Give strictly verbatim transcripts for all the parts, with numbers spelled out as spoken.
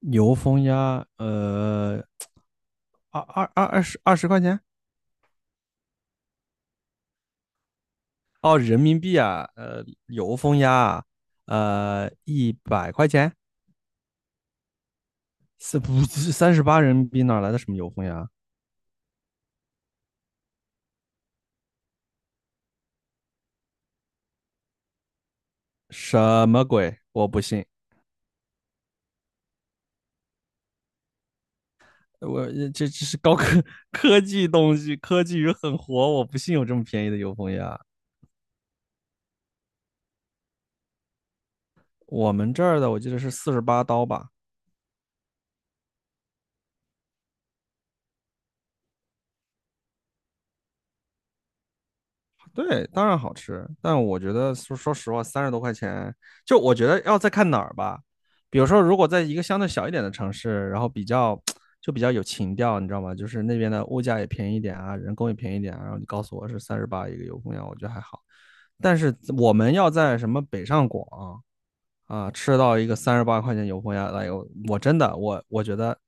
油封鸭，呃，二二二二十二十块钱。哦，人民币啊，呃，油封鸭啊，呃，一百块钱。是不是三十八人民币哪来的什么油封鸭？什么鬼？我不信。我这这是高科科技东西，科技与狠活，我不信有这么便宜的油封鸭。我们这儿的我记得是四十八刀吧。对，当然好吃，但我觉得说说实话，三十多块钱，就我觉得要再看哪儿吧。比如说，如果在一个相对小一点的城市，然后比较就比较有情调，你知道吗？就是那边的物价也便宜一点啊，人工也便宜一点啊，然后你告诉我是三十八一个油公羊，我觉得还好。但是我们要在什么北上广啊，吃到一个三十八块钱油封鸭，哎呦，我真的，我我觉得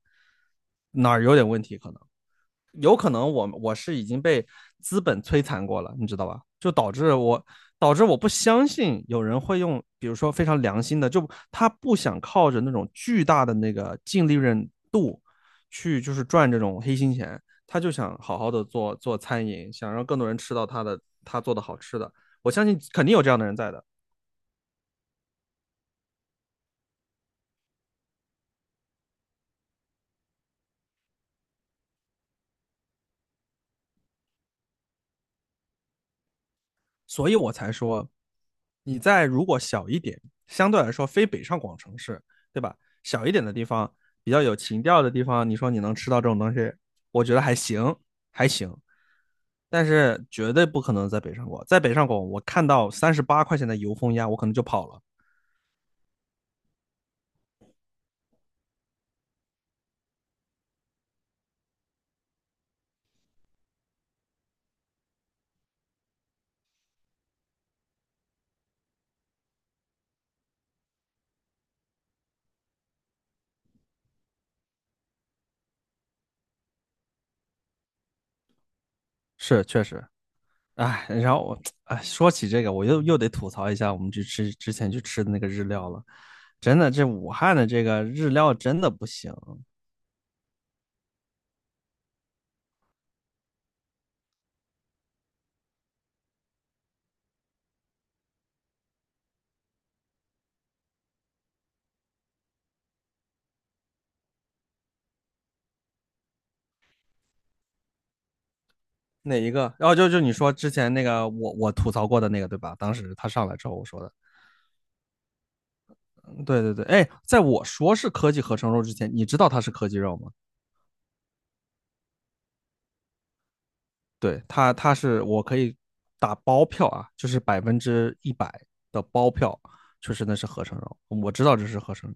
哪儿有点问题可能。有可能我我是已经被资本摧残过了，你知道吧？就导致我导致我不相信有人会用，比如说非常良心的，就他不想靠着那种巨大的那个净利润度去就是赚这种黑心钱，他就想好好的做做餐饮，想让更多人吃到他的他做的好吃的。我相信肯定有这样的人在的。所以我才说，你在如果小一点，相对来说非北上广城市，对吧？小一点的地方，比较有情调的地方，你说你能吃到这种东西，我觉得还行，还行。但是绝对不可能在北上广，在北上广我看到三十八块钱的油封鸭，我可能就跑了。是，确实，哎，然后我，哎，说起这个，我又又得吐槽一下我们去吃之前去吃的那个日料了。真的，这武汉的这个日料真的不行。哪一个？然后哦，就就你说之前那个我我吐槽过的那个对吧？当时他上来之后我说的。嗯，对对对。哎，在我说是科技合成肉之前，你知道它是科技肉吗？对，它它是我可以打包票啊，就是百分之一百的包票，就是那是合成肉，我知道这是合成肉。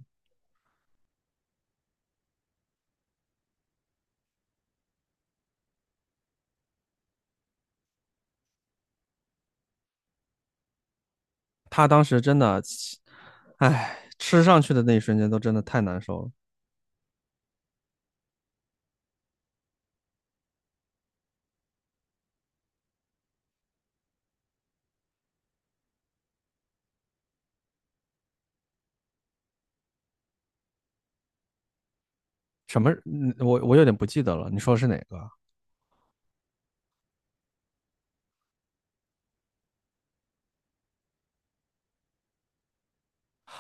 他当时真的，哎，吃上去的那一瞬间都真的太难受了。什么？嗯，我我有点不记得了，你说的是哪个啊？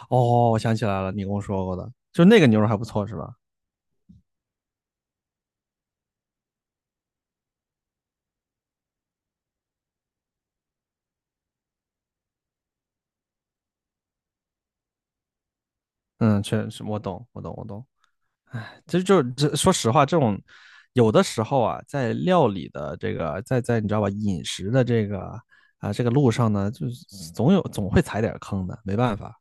哦，我想起来了，你跟我说过的，就那个牛肉还不错是吧？嗯，确实，我懂，我懂，我懂。哎，其实就是这，说实话，这种有的时候啊，在料理的这个，在在你知道吧，饮食的这个啊、这个路上呢，就是总有总会踩点儿坑的，没办法。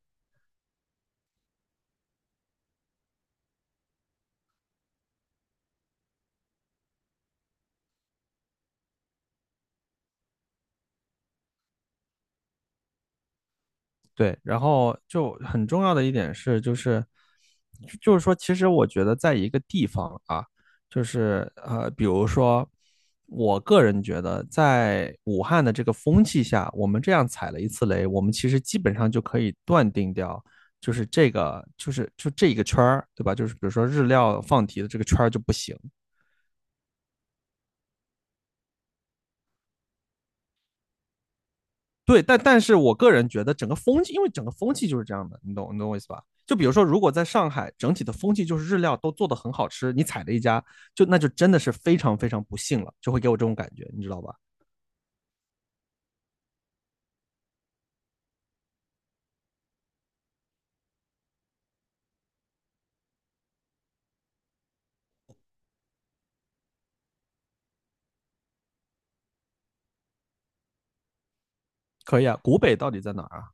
对，然后就很重要的一点是，就是就是说，其实我觉得在一个地方啊，就是呃，比如说，我个人觉得，在武汉的这个风气下，我们这样踩了一次雷，我们其实基本上就可以断定掉，就是这个就是就这一个圈儿，对吧？就是比如说日料放题的这个圈儿就不行。对，但但是我个人觉得整个风气，因为整个风气就是这样的，你懂你懂我意思吧？就比如说，如果在上海整体的风气就是日料都做得很好吃，你踩了一家，就那就真的是非常非常不幸了，就会给我这种感觉，你知道吧？可以啊，古北到底在哪儿啊？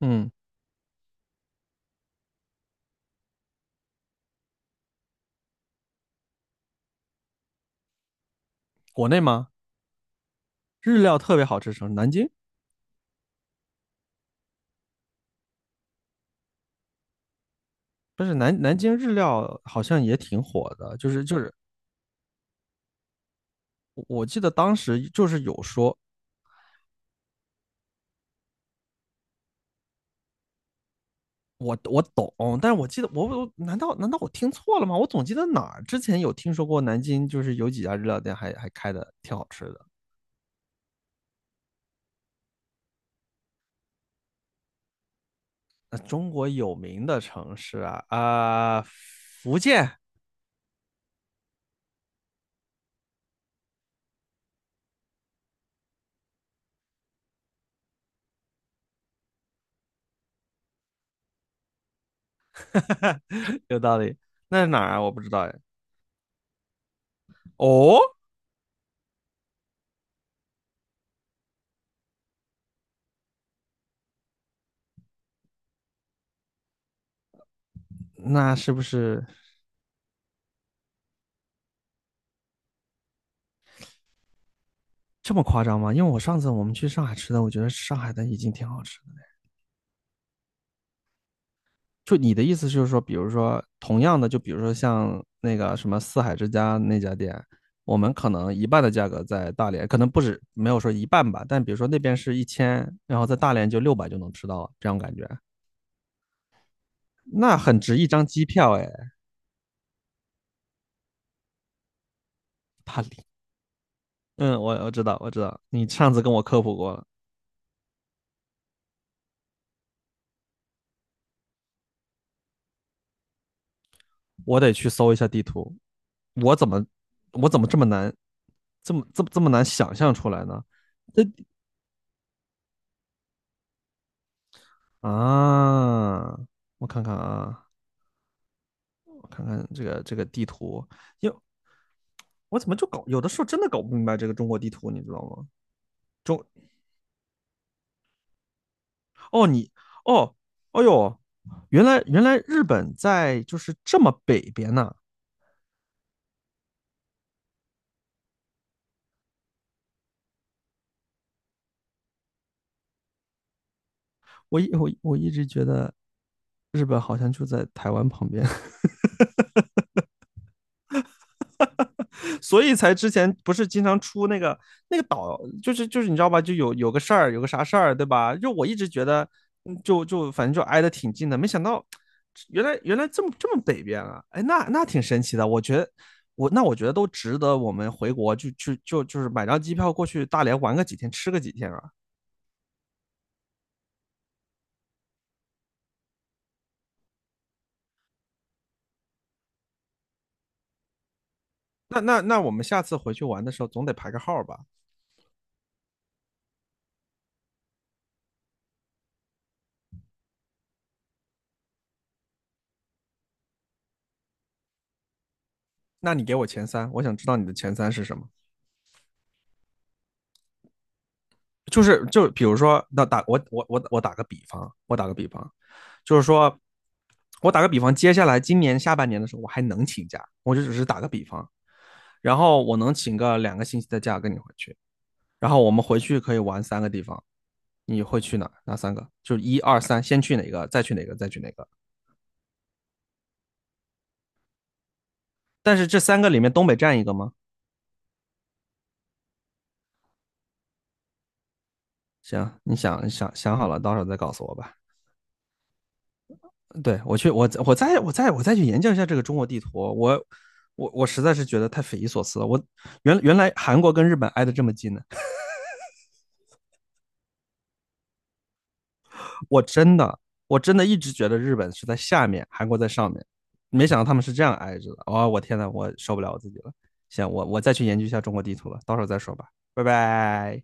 嗯，国内吗？日料特别好吃什城市，南京。不是，南南京日料好像也挺火的，就是就是我记得当时就是有说，我我懂，但是我记得我我难道难道我听错了吗？我总记得哪儿之前有听说过南京，就是有几家日料店还还开的挺好吃的。那中国有名的城市啊，啊、呃福建。 有道理。那是哪儿啊？我不知道哎。哦，那是不是这么夸张吗？因为我上次我们去上海吃的，我觉得上海的已经挺好吃。就你的意思就是说，比如说同样的，就比如说像那个什么四海之家那家店，我们可能一半的价格在大连，可能不止没有说一半吧，但比如说那边是一千，然后在大连就六百就能吃到了这样感觉，那很值一张机票哎。大理。嗯，我我知道我知道，你上次跟我科普过了。我得去搜一下地图，我怎么我怎么这么难，这么这么这么难想象出来呢？啊，我看看啊。我看看这个这个地图，因为我怎么就搞有的时候真的搞不明白这个中国地图，你知道吗？中哦，你哦，哦哟，原来原来日本在就是这么北边呐、啊。我一我我一直觉得日本好像就在台湾旁边。所以才之前不是经常出那个那个岛，就是就是你知道吧，就有有个事儿，有个啥事儿，对吧？就我一直觉得，嗯，就就反正就挨得挺近的，没想到原来原来这么这么北边啊！哎，那那挺神奇的，我觉得，我那我觉得都值得我们回国就就就就是买张机票过去大连玩个几天，吃个几天啊！那那那我们下次回去玩的时候总得排个号吧？那你给我前三，我想知道你的前三是什么。就是就比如说，那打我我我我打个比方，我打个比方，就是说，我打个比方，接下来今年下半年的时候，我还能请假，我就只是打个比方，然后我能请个两个星期的假跟你回去，然后我们回去可以玩三个地方，你会去哪哪三个？就是一二三，先去哪个，再去哪个，再去哪个？但是这三个里面东北占一个吗？行，你想想想好了，到时候再告诉我吧。对，我去，我我再我再我再去研究一下这个中国地图。我我我实在是觉得太匪夷所思了。我原原来韩国跟日本挨得这么近呢，我真的我真的一直觉得日本是在下面，韩国在上面，没想到他们是这样挨着的。哦，我天呐，我受不了我自己了。行，我我再去研究一下中国地图了，到时候再说吧，拜拜。